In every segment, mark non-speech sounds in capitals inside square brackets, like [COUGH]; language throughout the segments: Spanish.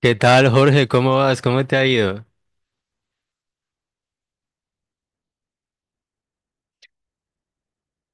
¿Qué tal, Jorge? ¿Cómo vas? ¿Cómo te ha ido?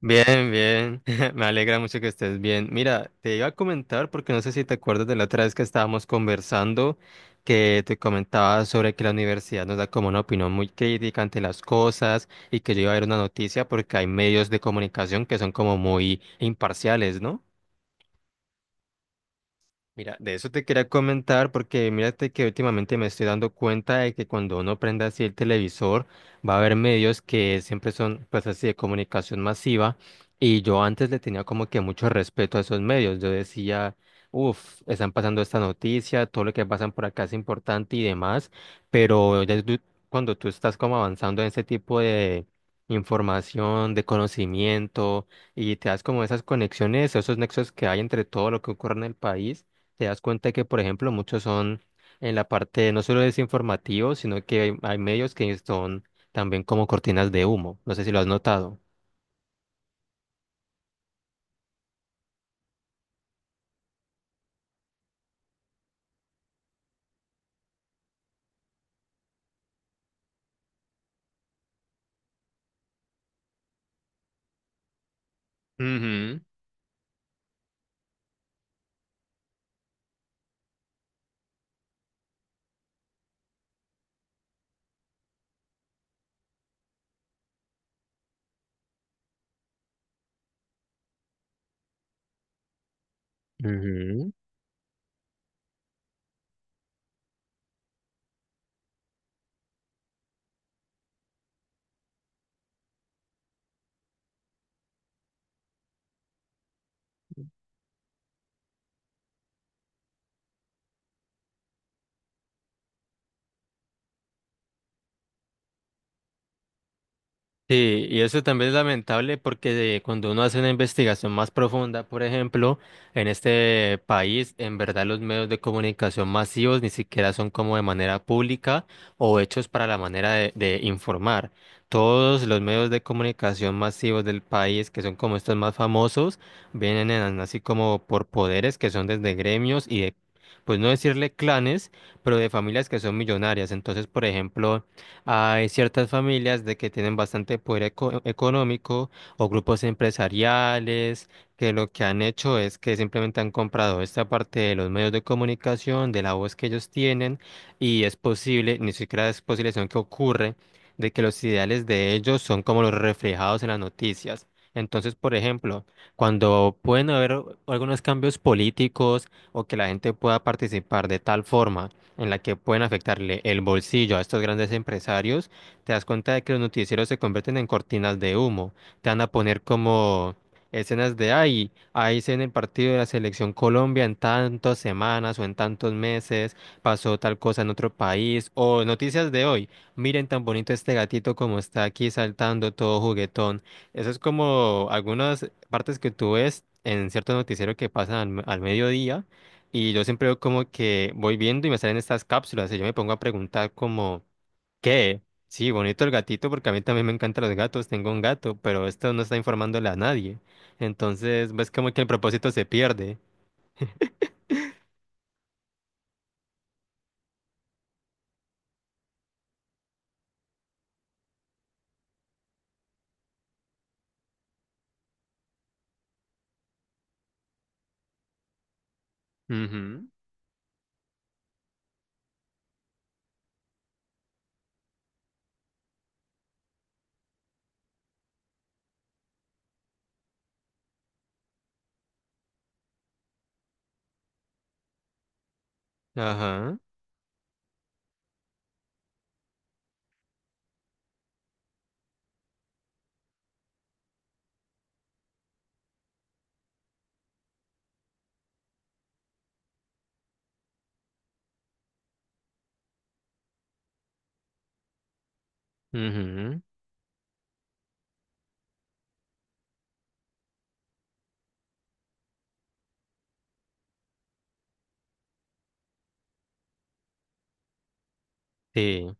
Bien, bien. [LAUGHS] Me alegra mucho que estés bien. Mira, te iba a comentar porque no sé si te acuerdas de la otra vez que estábamos conversando, que te comentaba sobre que la universidad nos da como una opinión muy crítica ante las cosas y que yo iba a ver una noticia porque hay medios de comunicación que son como muy imparciales, ¿no? Mira, de eso te quería comentar porque mírate que últimamente me estoy dando cuenta de que cuando uno prende así el televisor va a haber medios que siempre son pues así de comunicación masiva y yo antes le tenía como que mucho respeto a esos medios. Yo decía, uff, están pasando esta noticia, todo lo que pasan por acá es importante y demás, pero cuando tú estás como avanzando en ese tipo de información, de conocimiento y te das como esas conexiones, esos nexos que hay entre todo lo que ocurre en el país. Te das cuenta que, por ejemplo, muchos son en la parte no solo desinformativo, sino que hay medios que son también como cortinas de humo. No sé si lo has notado. Ujú. Ujú. Sí, y eso también es lamentable porque cuando uno hace una investigación más profunda, por ejemplo, en este país, en verdad los medios de comunicación masivos ni siquiera son como de manera pública o hechos para la manera de informar. Todos los medios de comunicación masivos del país, que son como estos más famosos, así como por poderes que son desde gremios y de, pues no decirle clanes, pero de familias que son millonarias. Entonces, por ejemplo, hay ciertas familias de que tienen bastante poder económico o grupos empresariales que lo que han hecho es que simplemente han comprado esta parte de los medios de comunicación, de la voz que ellos tienen y es posible, ni siquiera es posible, sino que ocurre de que los ideales de ellos son como los reflejados en las noticias. Entonces, por ejemplo, cuando pueden haber algunos cambios políticos o que la gente pueda participar de tal forma en la que pueden afectarle el bolsillo a estos grandes empresarios, te das cuenta de que los noticieros se convierten en cortinas de humo. Te van a poner como escenas de ahí, ahí se en el partido de la selección Colombia en tantas semanas o en tantos meses, pasó tal cosa en otro país, o noticias de hoy, miren tan bonito este gatito como está aquí saltando todo juguetón. Eso es como algunas partes que tú ves en cierto noticiero que pasan al mediodía y yo siempre veo como que voy viendo y me salen estas cápsulas y yo me pongo a preguntar como, ¿qué? Sí, bonito el gatito porque a mí también me encantan los gatos, tengo un gato, pero esto no está informándole a nadie. Entonces, ves como que el propósito se pierde. Ujú. Ajá. Ujú. Sí.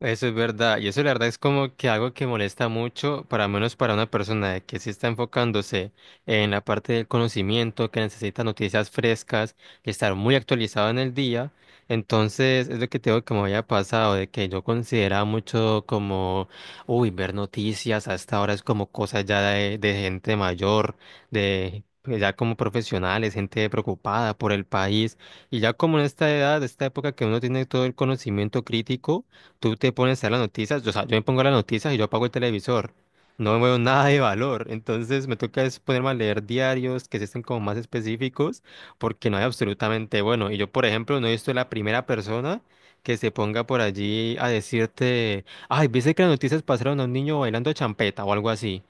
Eso es verdad, y eso la verdad es como que algo que molesta mucho, para menos para una persona de que sí está enfocándose en la parte del conocimiento, que necesita noticias frescas, que estar muy actualizado en el día. Entonces, es lo que tengo que me había pasado, de que yo consideraba mucho como, uy, ver noticias hasta ahora es como cosas ya de gente mayor, de pues, ya como profesionales, gente preocupada por el país. Y ya como en esta edad, esta época que uno tiene todo el conocimiento crítico, tú te pones a ver las noticias, yo, o sea, yo me pongo las noticias y yo apago el televisor. No veo [LAUGHS] nada de valor. Entonces me toca es ponerme a leer diarios que sí estén como más específicos, porque no hay absolutamente bueno. Y yo, por ejemplo, no he visto la primera persona que se ponga por allí a decirte, ay, viste que las noticias pasaron a un niño bailando champeta o algo así.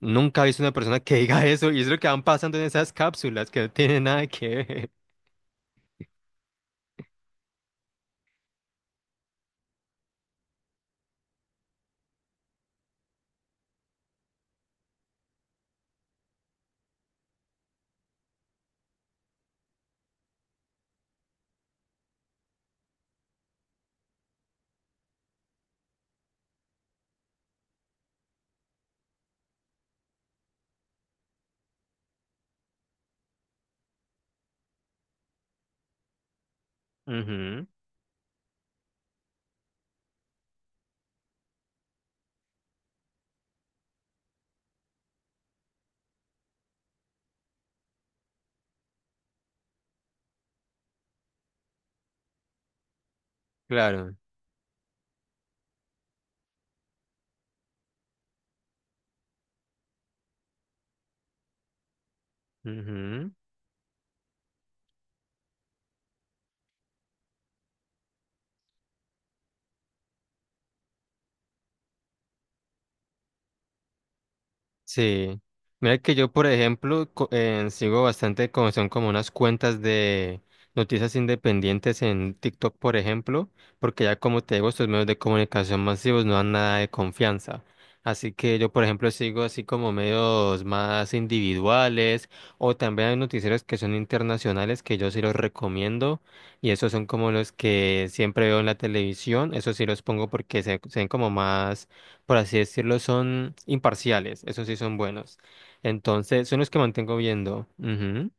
Nunca he visto una persona que [LAUGHS] diga eso, y es lo que van pasando en esas cápsulas que no tienen nada que ver. Ujú, claro. Ujú. Sí. Mira que yo, por ejemplo, sigo bastante como son como unas cuentas de noticias independientes en TikTok, por ejemplo, porque ya como te digo, estos medios de comunicación masivos no dan nada de confianza. Así que yo, por ejemplo, sigo así como medios más individuales o también hay noticieros que son internacionales que yo sí los recomiendo y esos son como los que siempre veo en la televisión. Esos sí los pongo porque se ven como más por así decirlo, son imparciales. Esos sí son buenos. Entonces, son los que mantengo viendo. Ujú,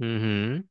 ujú.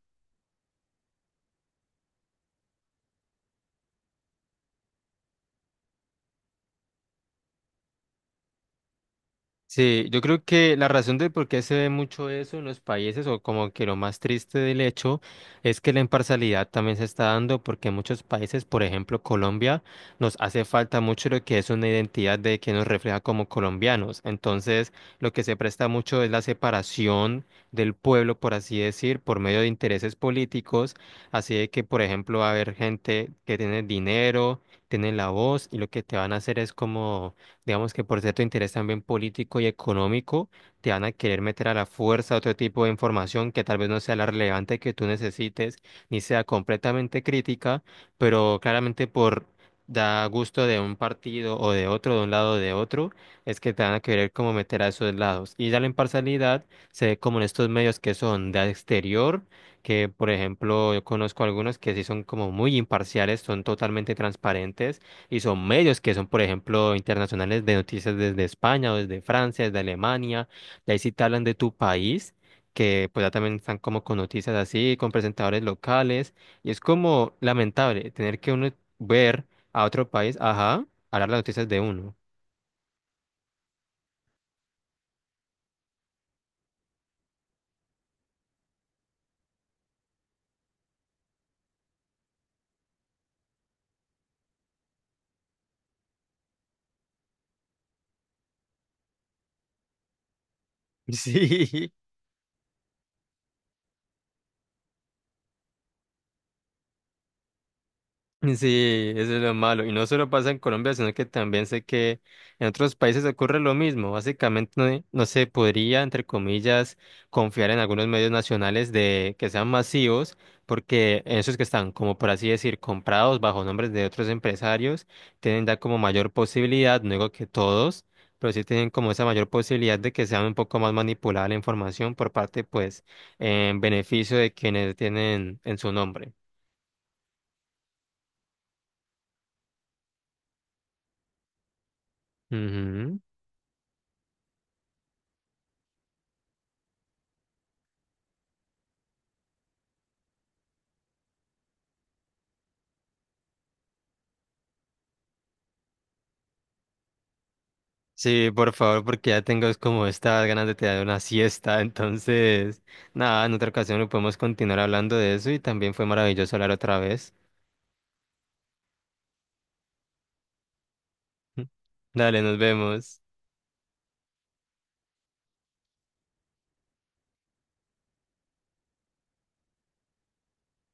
Sí, yo creo que la razón de por qué se ve mucho eso en los países, o como que lo más triste del hecho, es que la imparcialidad también se está dando porque en muchos países, por ejemplo Colombia, nos hace falta mucho lo que es una identidad de que nos refleja como colombianos. Entonces, lo que se presta mucho es la separación del pueblo, por así decir, por medio de intereses políticos. Así de que, por ejemplo, va a haber gente que tiene dinero, tiene la voz y lo que te van a hacer es como, digamos que por cierto interés también político y económico, te van a querer meter a la fuerza otro tipo de información que tal vez no sea la relevante que tú necesites, ni sea completamente crítica, pero claramente por da gusto de un partido o de otro, de un lado o de otro, es que te van a querer como meter a esos lados. Y ya la imparcialidad se ve como en estos medios que son de exterior, que por ejemplo yo conozco algunos que sí son como muy imparciales, son totalmente transparentes y son medios que son, por ejemplo, internacionales de noticias desde España o desde Francia, desde Alemania. Y ahí sí te hablan de tu país, que pues ya también están como con noticias así, con presentadores locales. Y es como lamentable tener que uno ver a otro país, ajá, hablar las noticias de uno. [LAUGHS] Sí, sí, eso es lo malo. Y no solo pasa en Colombia, sino que también sé que en otros países ocurre lo mismo. Básicamente no, no se podría, entre comillas, confiar en algunos medios nacionales de que sean masivos, porque esos que están, como por así decir, comprados bajo nombres de otros empresarios, tienen ya como mayor posibilidad, no digo que todos, pero sí tienen como esa mayor posibilidad de que sea un poco más manipulada la información por parte, pues, en beneficio de quienes tienen en su nombre. Ujú. Sí, por favor, porque ya tengo es como estas ganas de tirar una siesta. [LAUGHS] Entonces, nada, en otra ocasión lo podemos continuar hablando de eso y también fue maravilloso hablar otra vez. [LAUGHS] Dale, nos vemos.